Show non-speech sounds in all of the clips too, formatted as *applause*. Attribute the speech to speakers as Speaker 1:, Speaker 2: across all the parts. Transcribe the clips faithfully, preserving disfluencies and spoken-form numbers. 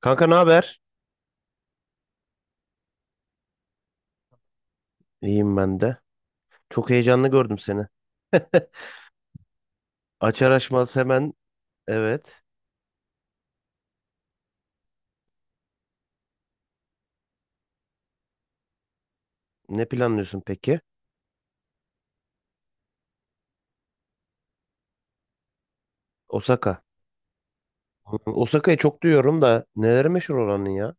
Speaker 1: Kanka, ne haber? İyiyim ben de. Çok heyecanlı gördüm seni. *laughs* Açar açmaz hemen, evet. Ne planlıyorsun peki? Osaka. Hı, Osaka'yı çok duyuyorum da neleri meşhur oranın ya?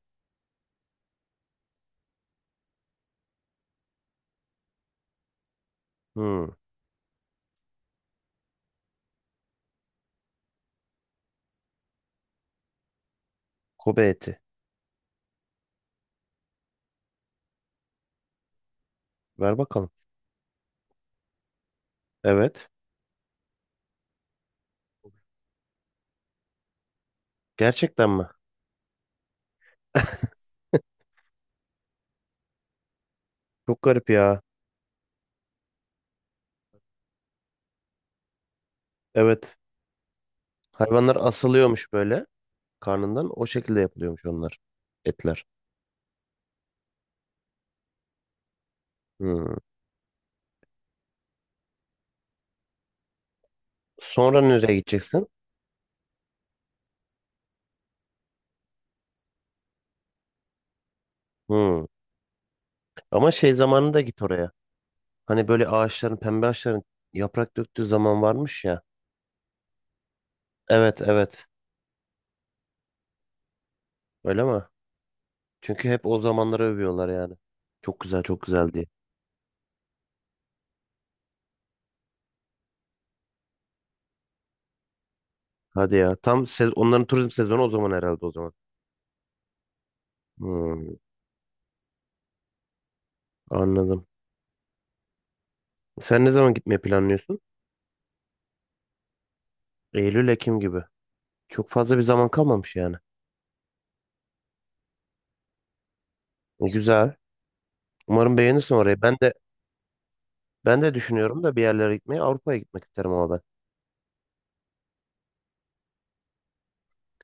Speaker 1: Hmm. Kobe eti. Ver bakalım. Evet. Gerçekten mi? Çok garip ya. Evet. Hayvanlar asılıyormuş böyle karnından. O şekilde yapılıyormuş onlar. Etler. Hmm. Sonra nereye gideceksin? Hmm. Ama şey zamanında git oraya. Hani böyle ağaçların, pembe ağaçların yaprak döktüğü zaman varmış ya. Evet, evet. Öyle mi? Çünkü hep o zamanları övüyorlar yani. Çok güzel, çok güzel diye. Hadi ya. Tam sez- onların turizm sezonu o zaman herhalde o zaman. Hmm, anladım. Sen ne zaman gitmeyi planlıyorsun? Eylül, Ekim gibi. Çok fazla bir zaman kalmamış yani. E, Güzel. Umarım beğenirsin orayı. Ben de ben de düşünüyorum da bir yerlere gitmeyi. Avrupa'ya gitmek isterim ama ben.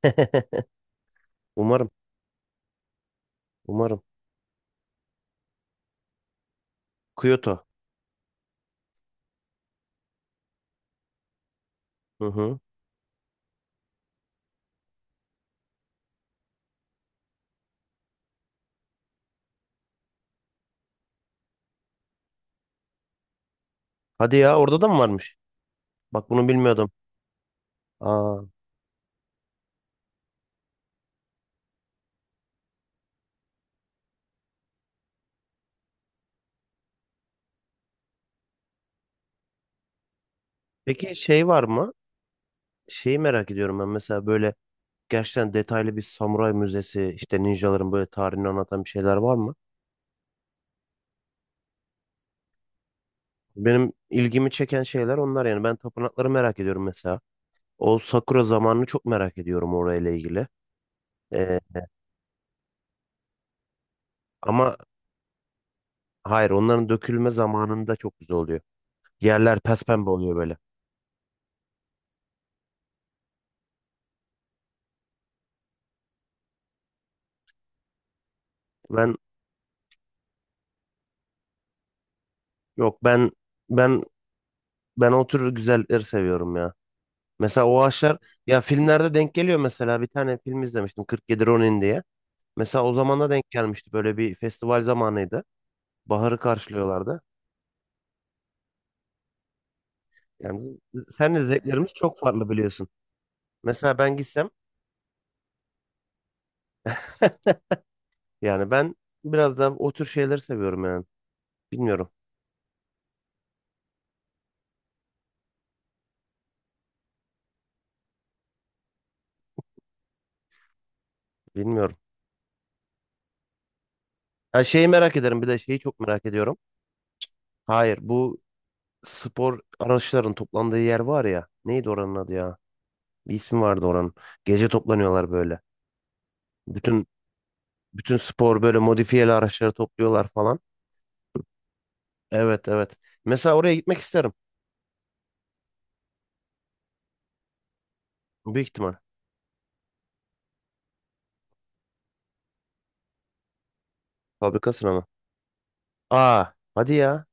Speaker 1: *laughs* Umarım, umarım. Kyoto. Hı hı. Hadi ya, orada da mı varmış? Bak bunu bilmiyordum. Aa. Peki şey var mı? Şeyi merak ediyorum ben mesela, böyle gerçekten detaylı bir samuray müzesi, işte ninjaların böyle tarihini anlatan bir şeyler var mı? Benim ilgimi çeken şeyler onlar yani, ben tapınakları merak ediyorum mesela. O Sakura zamanını çok merak ediyorum orayla ilgili. Ee, ama hayır, onların dökülme zamanında çok güzel oluyor. Yerler pespembe oluyor böyle. Ben, yok ben ben ben o tür güzellikleri seviyorum ya. Mesela o ağaçlar ya, filmlerde denk geliyor mesela, bir tane film izlemiştim, kırk yedi Ronin diye. Mesela o zamana denk gelmişti. Böyle bir festival zamanıydı. Baharı karşılıyorlardı. Yani bizim- senle zevklerimiz çok farklı, biliyorsun. Mesela ben gitsem *laughs* yani ben biraz daha o tür şeyleri seviyorum yani. Bilmiyorum. Bilmiyorum. Ha, şeyi merak ederim, bir de şeyi çok merak ediyorum. Hayır bu spor araçların toplandığı yer var ya. Neydi oranın adı ya? Bir ismi vardı oranın. Gece toplanıyorlar böyle. Bütün bütün spor böyle modifiyeli araçları topluyorlar falan. Evet, evet. Mesela oraya gitmek isterim. Büyük ihtimal. Fabrikasına mı? Aa, hadi ya.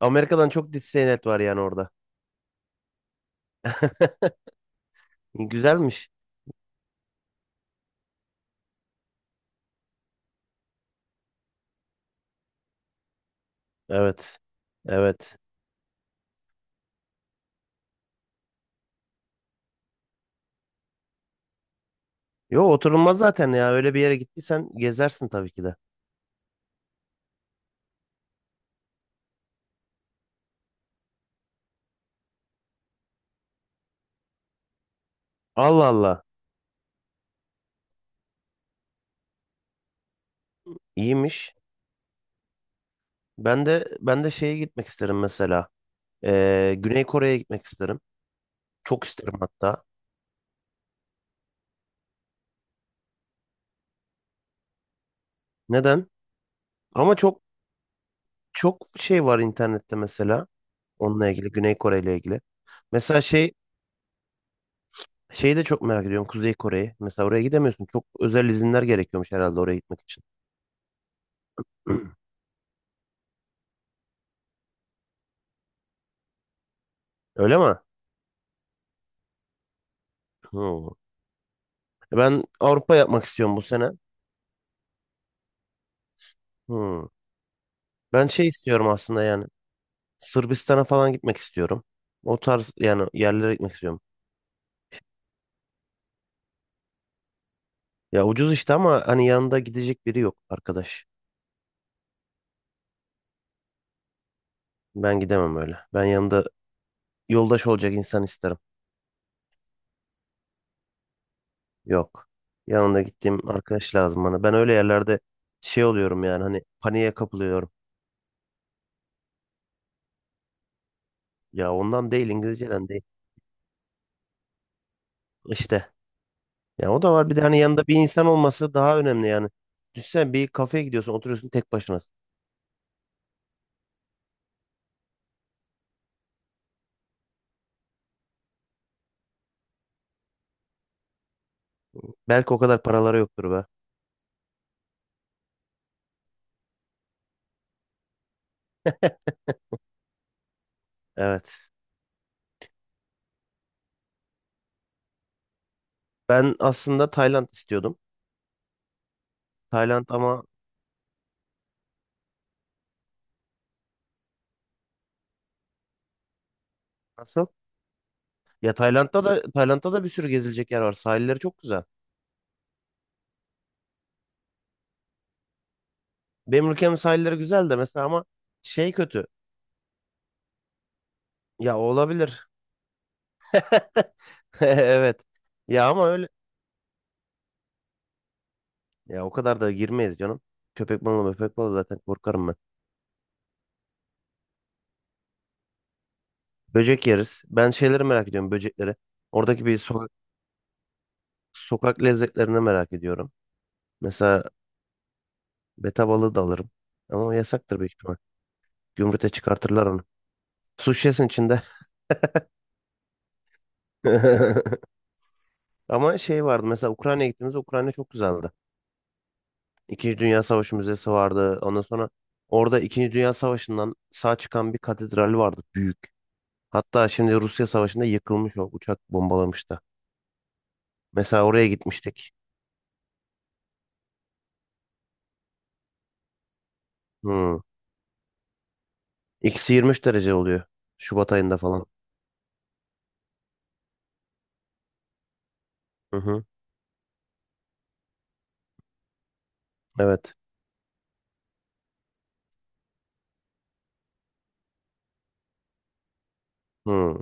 Speaker 1: Amerika'dan çok Disneyland var yani orada. *laughs* Güzelmiş. Evet. Evet. Yo, oturulmaz zaten ya. Öyle bir yere gittiysen gezersin tabii ki de. Allah Allah. İyiymiş. Ben de ben de şeye gitmek isterim mesela. Ee, Güney Kore'ye gitmek isterim. Çok isterim hatta. Neden? Ama çok çok şey var internette mesela. Onunla ilgili, Güney Kore ile ilgili. Mesela şey şeyi de çok merak ediyorum. Kuzey Kore'yi. Mesela oraya gidemiyorsun. Çok özel izinler gerekiyormuş herhalde oraya gitmek için. *clears throat* Öyle mi? Hmm. Ben Avrupa yapmak istiyorum bu sene. Hmm. Ben şey istiyorum aslında yani. Sırbistan'a falan gitmek istiyorum. O tarz yani yerlere gitmek istiyorum. Ya ucuz işte, ama hani yanında gidecek biri yok arkadaş. Ben gidemem öyle. Ben yanında yoldaş olacak insan isterim. Yok. Yanında gittiğim arkadaş lazım bana. Ben öyle yerlerde şey oluyorum yani, hani paniğe kapılıyorum. Ya ondan değil, İngilizceden değil. İşte. Ya, o da var. Bir de hani yanında bir insan olması daha önemli yani. Düşünsene, bir kafeye gidiyorsun, oturuyorsun tek başına. Belki o kadar paraları yoktur be. *laughs* Evet. Ben aslında Tayland istiyordum. Tayland ama nasıl? Ya Tayland'da da, Tayland'da da bir sürü gezilecek yer var. Sahilleri çok güzel. Benim ülkemin sahilleri güzel de mesela, ama şey kötü. Ya, olabilir. *laughs* Evet. Ya ama öyle. Ya o kadar da girmeyiz canım. Köpek balığı, köpek balığı zaten korkarım ben. Böcek yeriz. Ben şeyleri merak ediyorum, böcekleri. Oradaki bir sokak, sokak lezzetlerini merak ediyorum. Mesela beta balığı da alırım. Ama o yasaktır büyük ihtimal. Gümrüte çıkartırlar onu. Su şişesinin içinde. *laughs* Ama şey vardı, mesela Ukrayna'ya gittiğimizde Ukrayna çok güzeldi. İkinci Dünya Savaşı Müzesi vardı. Ondan sonra orada İkinci Dünya Savaşı'ndan sağ çıkan bir katedral vardı, büyük. Hatta şimdi Rusya Savaşı'nda yıkılmış, o uçak bombalamıştı. Mesela oraya gitmiştik. Hmm. Eksi yirmi üç derece oluyor Şubat ayında falan. Hı hı. Evet. Hmm.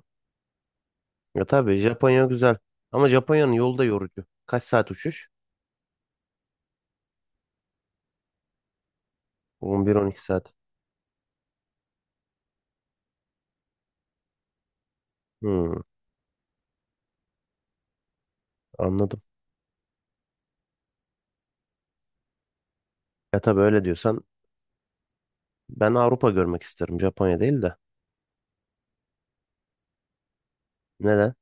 Speaker 1: Ya tabii Japonya güzel. Ama Japonya'nın yolu da yorucu. Kaç saat uçuş? on bir on iki saat. Hmm. Anladım. Ya tabii öyle diyorsan, ben Avrupa görmek isterim, Japonya değil de. Neden?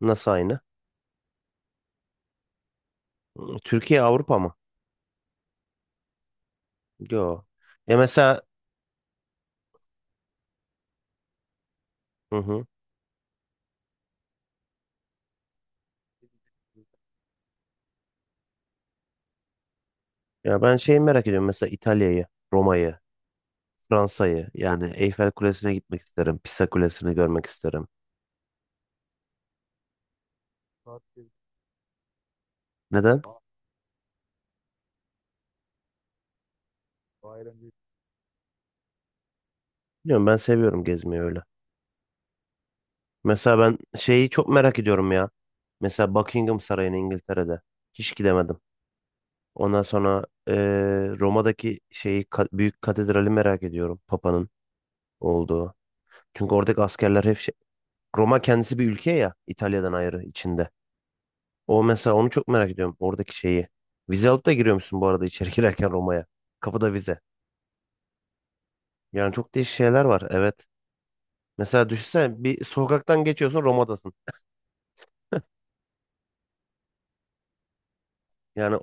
Speaker 1: Nasıl aynı? Hmm, Türkiye Avrupa mı? Yo. Ya mesela, hı hı. Ya ben şeyi merak ediyorum mesela, İtalya'yı, Roma'yı, Fransa'yı, yani Eyfel Kulesi'ne gitmek isterim, Pisa Kulesi'ni görmek isterim. Neden? Bilmiyorum, ben seviyorum gezmeyi öyle. Mesela ben şeyi çok merak ediyorum ya. Mesela Buckingham Sarayı'nı, İngiltere'de. Hiç gidemedim. Ondan sonra eee, Roma'daki şeyi, ka- büyük katedrali merak ediyorum. Papa'nın olduğu. Çünkü oradaki askerler hep şey, Roma kendisi bir ülke ya, İtalya'dan ayrı içinde. O mesela, onu çok merak ediyorum, oradaki şeyi. Vize alıp da giriyor musun bu arada içeri *laughs* girerken Roma'ya? Kapıda vize. Yani çok değişik şeyler var, evet. Mesela düşünsene, bir sokaktan geçiyorsun, Roma'dasın. Yani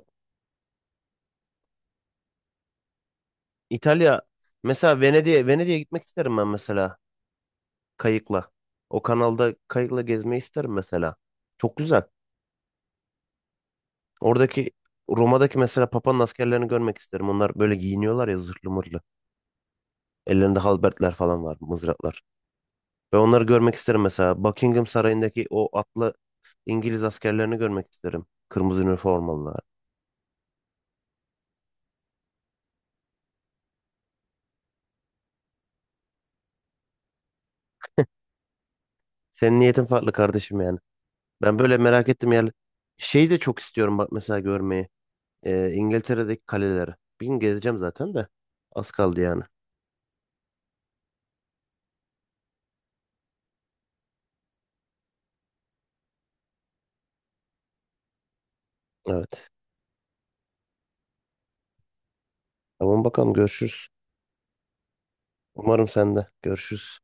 Speaker 1: İtalya, mesela Venedik'e, Venedik'e gitmek isterim ben mesela, kayıkla. O kanalda kayıkla gezmeyi isterim mesela. Çok güzel. Oradaki Roma'daki mesela Papa'nın askerlerini görmek isterim. Onlar böyle giyiniyorlar ya, zırhlı mırlı. Ellerinde halbertler falan var, mızraklar. Ve onları görmek isterim mesela. Buckingham Sarayı'ndaki o atlı İngiliz askerlerini görmek isterim. Kırmızı üniformalılar. Senin niyetin farklı kardeşim yani. Ben böyle merak ettim yani. Şeyi de çok istiyorum bak mesela, görmeyi. Ee, İngiltere'deki kaleleri. Bir gün gezeceğim zaten de. Az kaldı yani. Evet. Tamam bakalım, görüşürüz. Umarım sen de. Görüşürüz.